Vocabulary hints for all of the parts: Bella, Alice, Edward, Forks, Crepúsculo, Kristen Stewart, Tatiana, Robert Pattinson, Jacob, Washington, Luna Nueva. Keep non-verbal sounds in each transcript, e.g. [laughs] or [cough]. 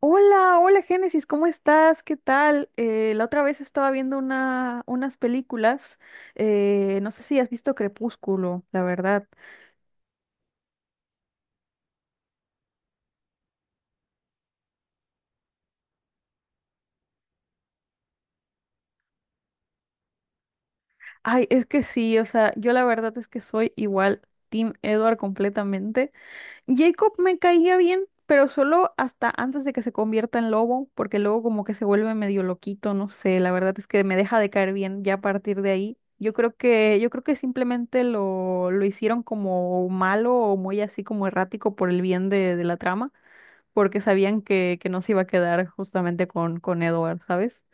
Hola, hola Génesis, ¿cómo estás? ¿Qué tal? La otra vez estaba viendo unas películas, no sé si has visto Crepúsculo, la verdad. Ay, es que sí, o sea, yo la verdad es que soy igual Team Edward completamente. Jacob me caía bien, pero solo hasta antes de que se convierta en lobo, porque luego como que se vuelve medio loquito, no sé, la verdad es que me deja de caer bien ya a partir de ahí. Yo creo que simplemente lo hicieron como malo o muy así como errático por el bien de la trama, porque sabían que no se iba a quedar justamente con Edward, ¿sabes?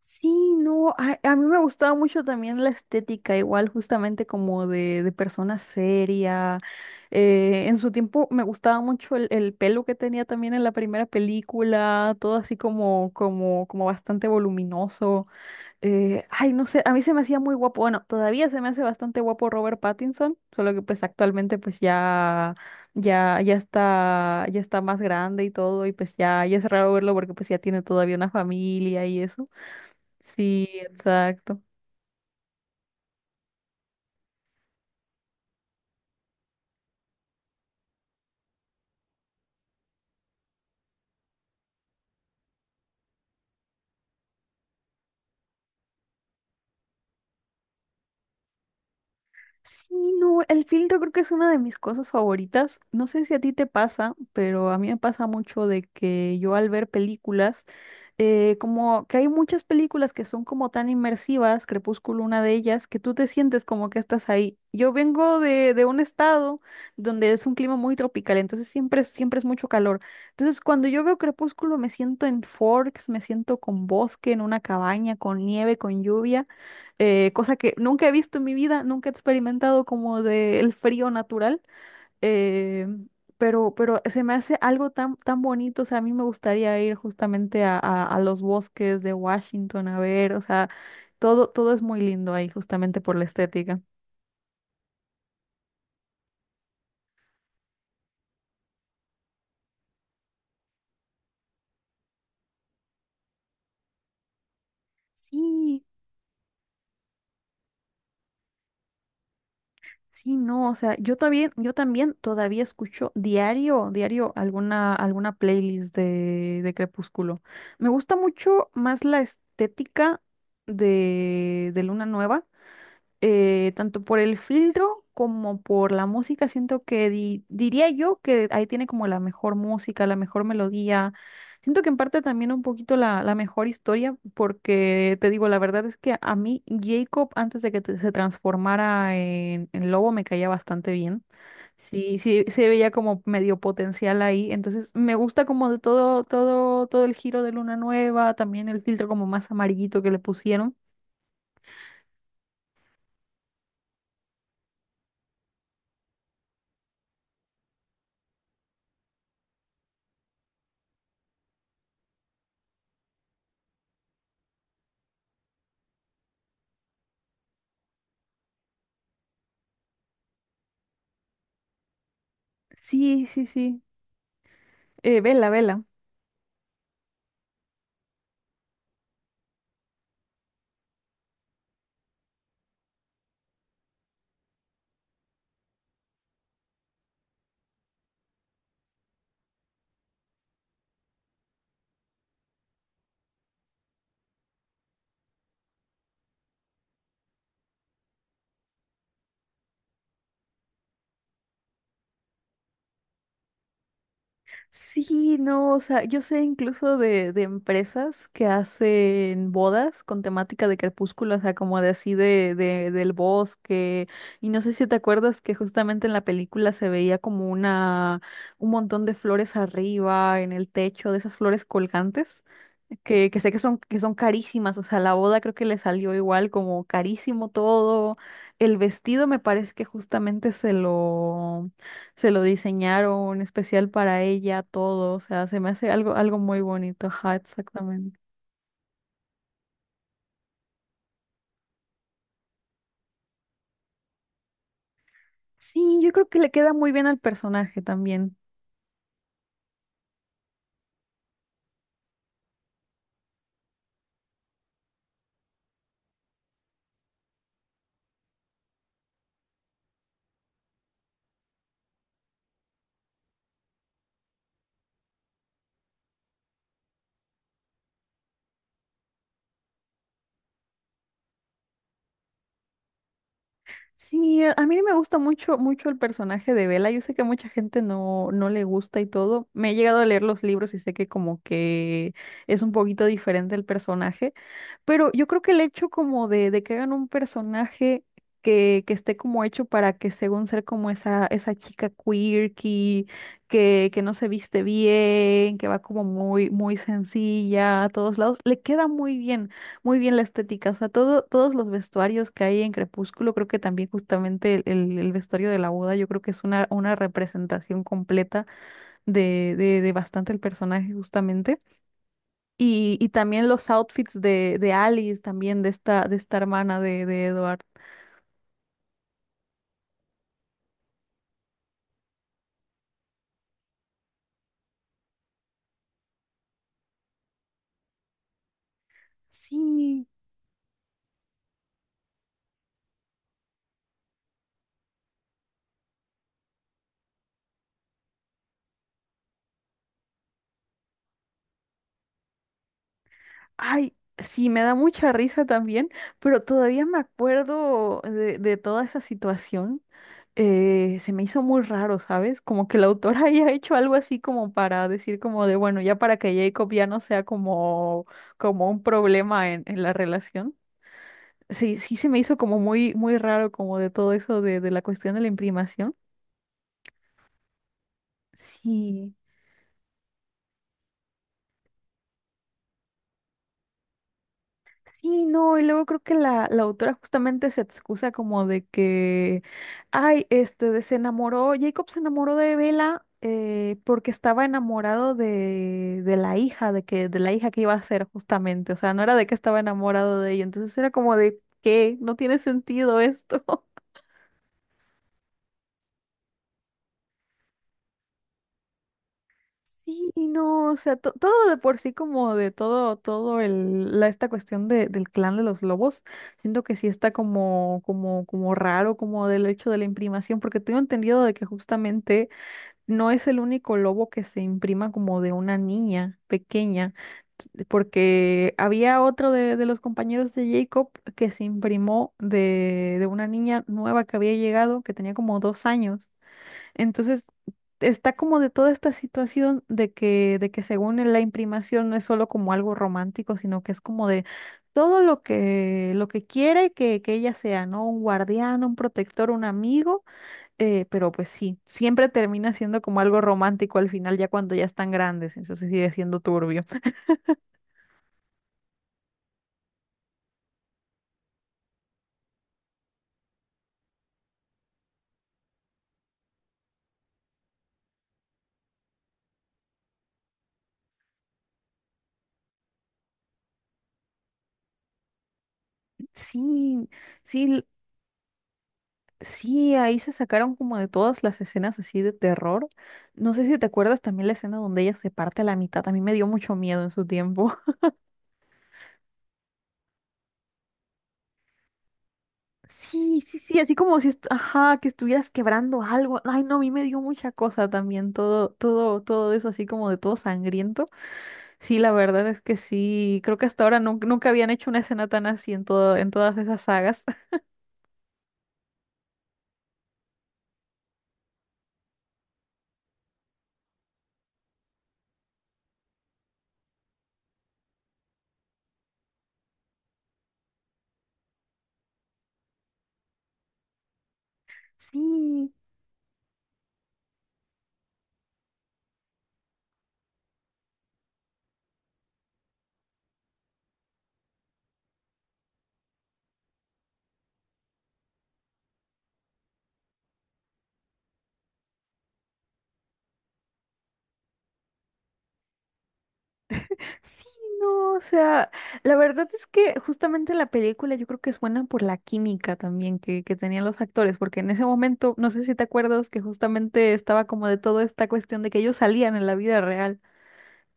Sí, no, a mí me gustaba mucho también la estética, igual justamente como de persona seria. En su tiempo me gustaba mucho el pelo que tenía también en la primera película, todo así como bastante voluminoso. No sé, a mí se me hacía muy guapo. Bueno, todavía se me hace bastante guapo Robert Pattinson, solo que pues actualmente pues ya está más grande y todo, y pues ya es raro verlo porque pues ya tiene todavía una familia y eso. Sí, exacto. Sí, no, el filtro creo que es una de mis cosas favoritas. No sé si a ti te pasa, pero a mí me pasa mucho de que yo al ver películas, como que hay muchas películas que son como tan inmersivas, Crepúsculo una de ellas, que tú te sientes como que estás ahí. Yo vengo de un estado donde es un clima muy tropical, entonces siempre, siempre es mucho calor. Entonces cuando yo veo Crepúsculo me siento en Forks, me siento con bosque, en una cabaña, con nieve, con lluvia. Cosa que nunca he visto en mi vida, nunca he experimentado como del frío natural, eh, pero se me hace algo tan, tan bonito, o sea, a mí me gustaría ir justamente a, a los bosques de Washington a ver, o sea, todo, todo es muy lindo ahí justamente por la estética. Sí. Sí, no, o sea, yo también todavía escucho diario, diario alguna, alguna playlist de Crepúsculo. Me gusta mucho más la estética de Luna Nueva, tanto por el filtro como por la música, siento que diría yo que ahí tiene como la mejor música, la mejor melodía. Siento que en parte también un poquito la mejor historia, porque te digo, la verdad es que a mí Jacob, antes de que se transformara en lobo, me caía bastante bien. Sí, sí, se veía como medio potencial ahí. Entonces, me gusta como de todo, todo el giro de Luna Nueva, también el filtro como más amarillito que le pusieron. Sí, sí, sí. Vela, vela. Sí, no, o sea, yo sé incluso de empresas que hacen bodas con temática de crepúsculo, o sea, como de así de, del bosque. Y no sé si te acuerdas que justamente en la película se veía como una, un montón de flores arriba, en el techo, de esas flores colgantes, que sé que son carísimas, o sea, la boda creo que le salió igual, como carísimo todo. El vestido me parece que justamente se lo, se lo diseñaron especial para ella, todo, o sea, se me hace algo, algo muy bonito, ajá, exactamente. Sí, yo creo que le queda muy bien al personaje también. Sí, a mí me gusta mucho, mucho el personaje de Bella. Yo sé que a mucha gente no, no le gusta y todo. Me he llegado a leer los libros y sé que como que es un poquito diferente el personaje, pero yo creo que el hecho como de que hagan un personaje que esté como hecho para que según ser como esa chica quirky, que no se viste bien, que va como muy, muy sencilla a todos lados, le queda muy bien, muy bien la estética, o sea, todo, todos los vestuarios que hay en Crepúsculo, creo que también justamente el vestuario de la boda, yo creo que es una representación completa de bastante el personaje justamente. Y también los outfits de Alice, también de esta hermana de Edward. Sí, ay, sí, me da mucha risa también, pero todavía me acuerdo de toda esa situación. Se me hizo muy raro, ¿sabes? Como que la autora [laughs] haya hecho algo así como para decir como de, bueno, ya para que Jacob ya no sea como, como un problema en la relación. Sí, sí se me hizo como muy, muy raro como de todo eso de la cuestión de la imprimación. Sí. Sí, no, y luego creo que la autora justamente se excusa como de que, ay, este, se enamoró, Jacob se enamoró de Bella, porque estaba enamorado de la hija, de que, de la hija que iba a ser justamente, o sea, no era de que estaba enamorado de ella, entonces era como de, ¿qué? No tiene sentido esto. Sí, no, o sea, todo de por sí como de todo, todo el, la, esta cuestión del clan de los lobos, siento que sí está como, como, como raro, como del hecho de la imprimación, porque tengo entendido de que justamente no es el único lobo que se imprima como de una niña pequeña, porque había otro de los compañeros de Jacob que se imprimó de una niña nueva que había llegado, que tenía como 2 años. Entonces, está como de toda esta situación de que según en la imprimación no es solo como algo romántico, sino que es como de todo lo que quiere que ella sea, ¿no? Un guardián, un protector, un amigo, pero pues sí, siempre termina siendo como algo romántico al final, ya cuando ya están grandes, entonces sigue siendo turbio. Sí, sí, sí, ahí se sacaron como de todas las escenas así de terror. No sé si te acuerdas también la escena donde ella se parte a la mitad. A mí me dio mucho miedo en su tiempo. [laughs] Sí, sí, sí, así como si, ajá, que estuvieras quebrando algo. Ay, no, a mí me dio mucha cosa también, todo, todo eso así como de todo sangriento. Sí, la verdad es que sí, creo que hasta ahora nunca habían hecho una escena tan así en todo, en todas esas sagas. [laughs] Sí. Sí, no, o sea, la verdad es que justamente la película yo creo que es buena por la química también que tenían los actores, porque en ese momento, no sé si te acuerdas que justamente estaba como de toda esta cuestión de que ellos salían en la vida real.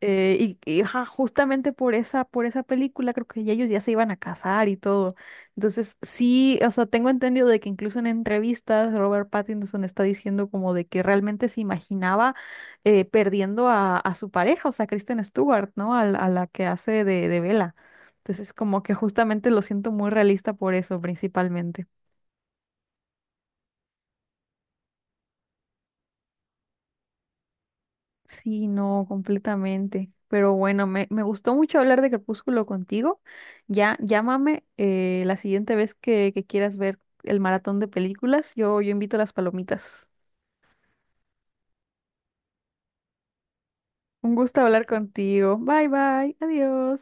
Ajá, justamente por esa película creo que ya ellos ya se iban a casar y todo. Entonces, sí, o sea, tengo entendido de que incluso en entrevistas Robert Pattinson está diciendo como de que realmente se imaginaba, perdiendo a su pareja, o sea, Kristen Stewart, ¿no? A la que hace de Bella. Entonces, como que justamente lo siento muy realista por eso, principalmente. Sí, no, completamente. Pero bueno, me gustó mucho hablar de Crepúsculo contigo. Ya, llámame, la siguiente vez que quieras ver el maratón de películas. Yo invito las palomitas. Un gusto hablar contigo. Bye, bye. Adiós.